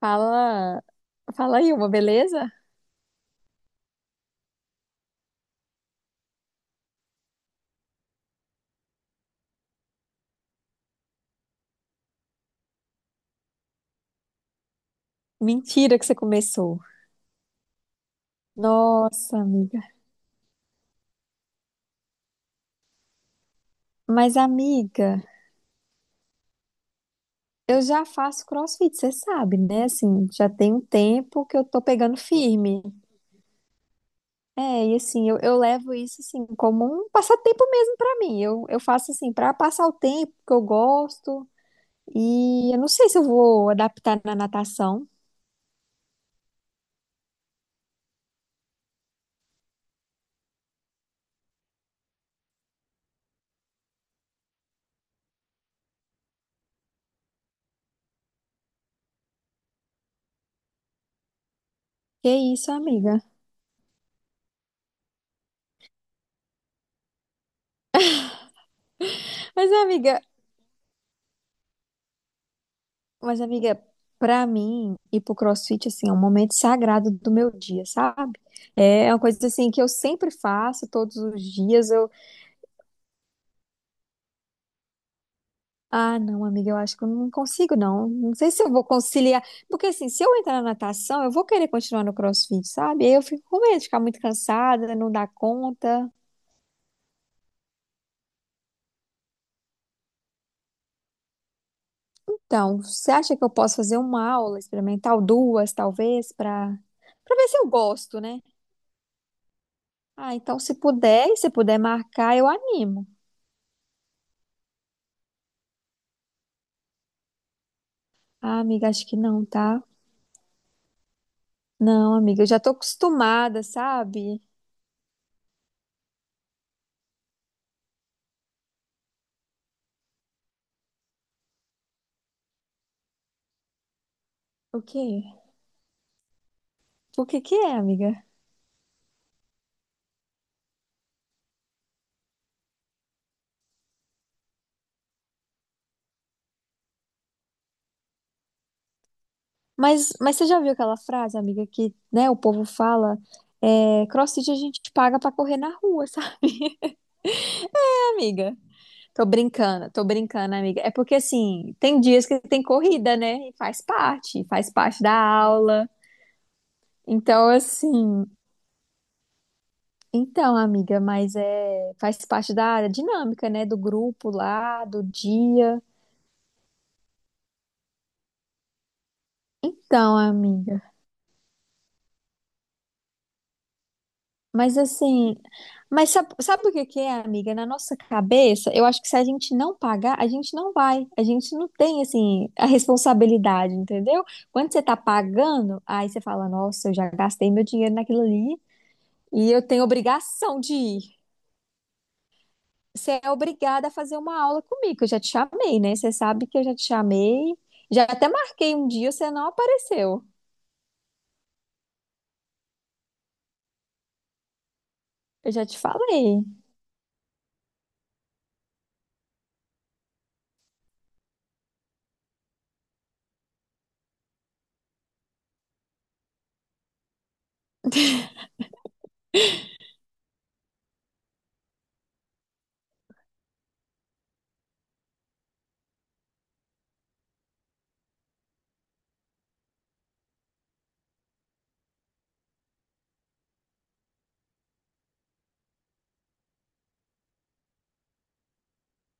Fala, fala aí uma, beleza? Mentira que você começou. Nossa, amiga. Mas, amiga, eu já faço CrossFit, você sabe, né? Assim, já tem um tempo que eu tô pegando firme. É, e assim, eu levo isso assim como um passatempo mesmo pra mim. Eu faço assim pra passar o tempo que eu gosto. E eu não sei se eu vou adaptar na natação. Que isso, amiga? Mas, amiga, Mas, amiga, pra mim, ir pro CrossFit, assim, é um momento sagrado do meu dia, sabe? É uma coisa, assim, que eu sempre faço, todos os dias. Ah, não, amiga, eu acho que eu não consigo, não. Não sei se eu vou conciliar. Porque, assim, se eu entrar na natação, eu vou querer continuar no CrossFit, sabe? Aí eu fico com medo de ficar muito cansada, não dar conta. Então, você acha que eu posso fazer uma aula experimental, duas, talvez, pra ver se eu gosto, né? Ah, então, se puder, e se puder marcar, eu animo. Ah, amiga, acho que não, tá? Não, amiga, eu já tô acostumada, sabe? O quê? O que que é, amiga? Mas você já viu aquela frase, amiga, que, né, o povo fala, é, CrossFit a gente paga pra correr na rua, sabe, amiga? Tô brincando, amiga. É porque, assim, tem dias que tem corrida, né? E faz parte da aula. Então, assim, então, amiga, mas é, faz parte da dinâmica, né, do grupo lá, do dia. Então, amiga. Mas assim, mas sabe, sabe o que que é, amiga? Na nossa cabeça, eu acho que se a gente não pagar, a gente não vai. A gente não tem, assim, a responsabilidade, entendeu? Quando você tá pagando, aí você fala, nossa, eu já gastei meu dinheiro naquilo ali e eu tenho obrigação de ir. Você é obrigada a fazer uma aula comigo, que eu já te chamei, né? Você sabe que eu já te chamei, já até marquei um dia, você não apareceu. Eu já te falei.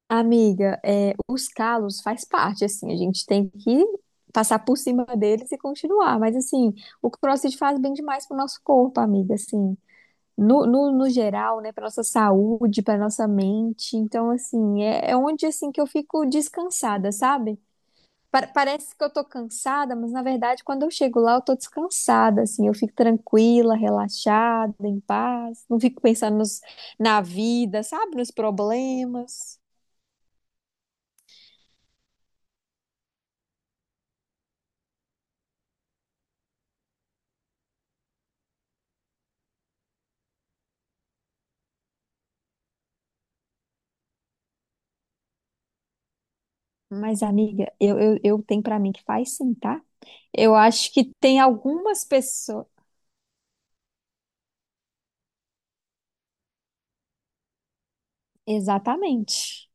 Amiga, é, os calos faz parte, assim, a gente tem que passar por cima deles e continuar. Mas, assim, o CrossFit faz bem demais pro nosso corpo, amiga, assim, no geral, né, pra nossa saúde, pra nossa mente. Então, assim, é onde, assim, que eu fico descansada, sabe? Parece que eu tô cansada, mas, na verdade, quando eu chego lá, eu tô descansada, assim, eu fico tranquila, relaxada, em paz, não fico pensando nos- na vida, sabe, nos problemas. Mas, amiga, eu tenho pra mim que faz sim, tá? Eu acho que tem algumas pessoas. Exatamente.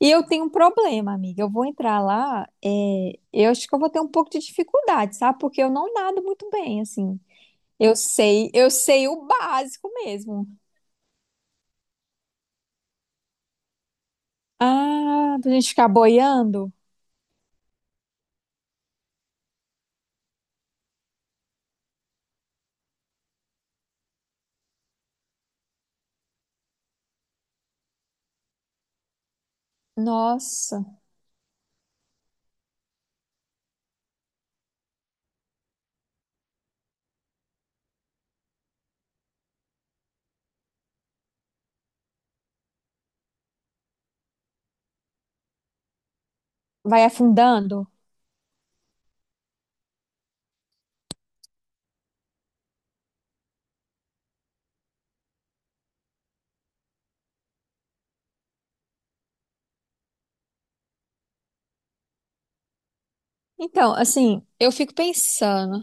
E eu tenho um problema, amiga. Eu vou entrar lá, eu acho que eu vou ter um pouco de dificuldade, sabe? Porque eu não nado muito bem, assim. Eu sei o básico mesmo. Ah, pra gente ficar boiando? Nossa, vai afundando? Então, assim, eu fico pensando.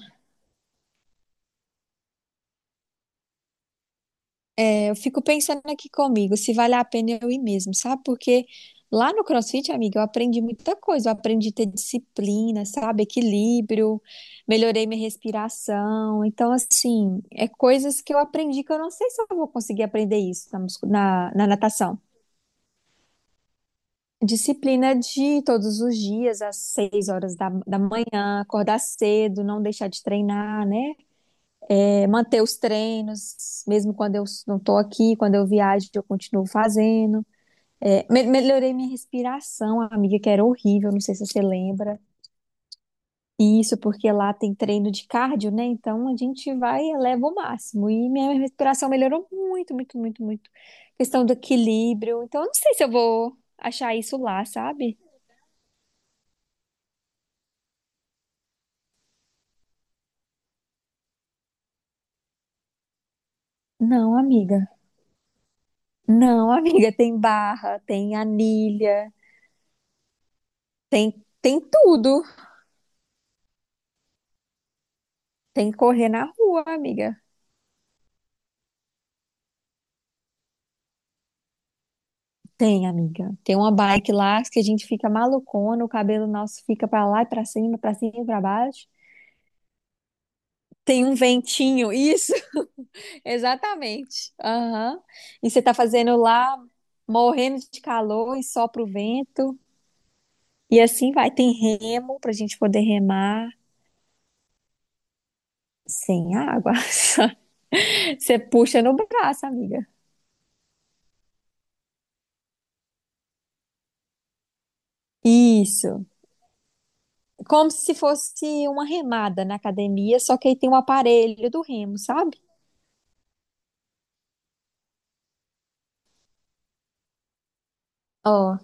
Eu fico pensando aqui comigo, se vale a pena eu ir mesmo, sabe? Porque lá no CrossFit, amiga, eu aprendi muita coisa. Eu aprendi a ter disciplina, sabe? Equilíbrio, melhorei minha respiração. Então, assim, é coisas que eu aprendi que eu não sei se eu vou conseguir aprender isso na natação. Disciplina de todos os dias, às 6 horas da manhã, acordar cedo, não deixar de treinar, né? É, manter os treinos, mesmo quando eu não tô aqui, quando eu viajo, eu continuo fazendo. É, melhorei minha respiração, amiga, que era horrível, não sei se você lembra. E isso porque lá tem treino de cardio, né? Então a gente vai e eleva o máximo. E minha respiração melhorou muito, muito, muito, muito. Questão do equilíbrio. Então eu não sei se eu vou achar isso lá, sabe? Não, amiga. Não, amiga, tem barra, tem anilha, tem tudo. Tem que correr na rua, amiga. Tem, amiga. Tem uma bike lá que a gente fica malucona, o cabelo nosso fica pra lá e pra cima e pra baixo. Tem um ventinho, isso, exatamente. Aham. E você tá fazendo lá, morrendo de calor e sopra o vento. E assim vai. Tem remo pra gente poder remar sem água. Você puxa no braço, amiga. Isso. Como se fosse uma remada na academia, só que aí tem um aparelho do remo, sabe? Ó,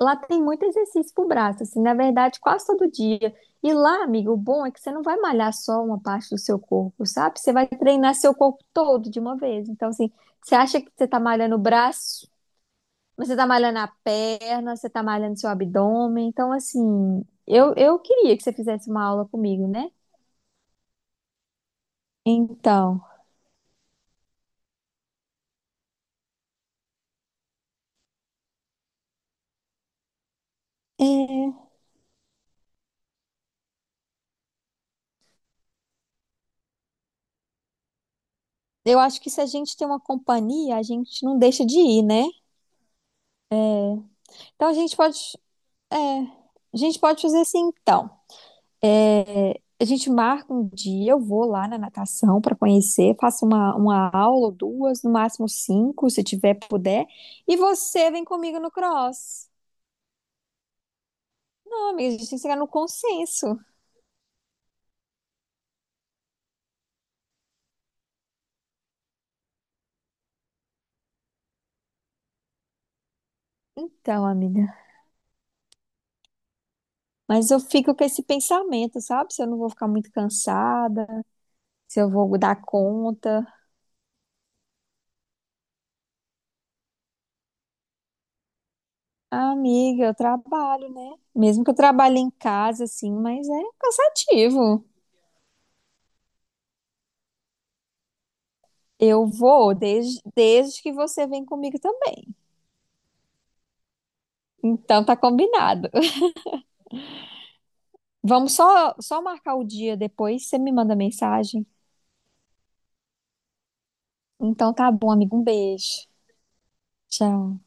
lá tem muito exercício pro braço, assim, na verdade, quase todo dia. E lá, amigo, o bom é que você não vai malhar só uma parte do seu corpo, sabe? Você vai treinar seu corpo todo de uma vez. Então, assim, você acha que você tá malhando o braço, mas você tá malhando a perna, você tá malhando seu abdômen. Então, assim, eu queria que você fizesse uma aula comigo, né? Então, é, eu acho que se a gente tem uma companhia, a gente não deixa de ir, né? Então, a gente pode, a gente pode fazer assim, então. É, a gente marca um dia, eu vou lá na natação para conhecer, faço uma aula ou duas, no máximo cinco, se tiver, puder, e você vem comigo no cross. Não, amiga, a gente tem que chegar no consenso. Então, amiga, mas eu fico com esse pensamento, sabe? Se eu não vou ficar muito cansada, se eu vou dar conta. Ah, amiga, eu trabalho, né? Mesmo que eu trabalhe em casa, assim, mas é cansativo. Eu vou desde que você vem comigo também. Então tá combinado. Vamos só marcar o dia depois, você me manda mensagem. Então tá bom, amigo. Um beijo. Tchau.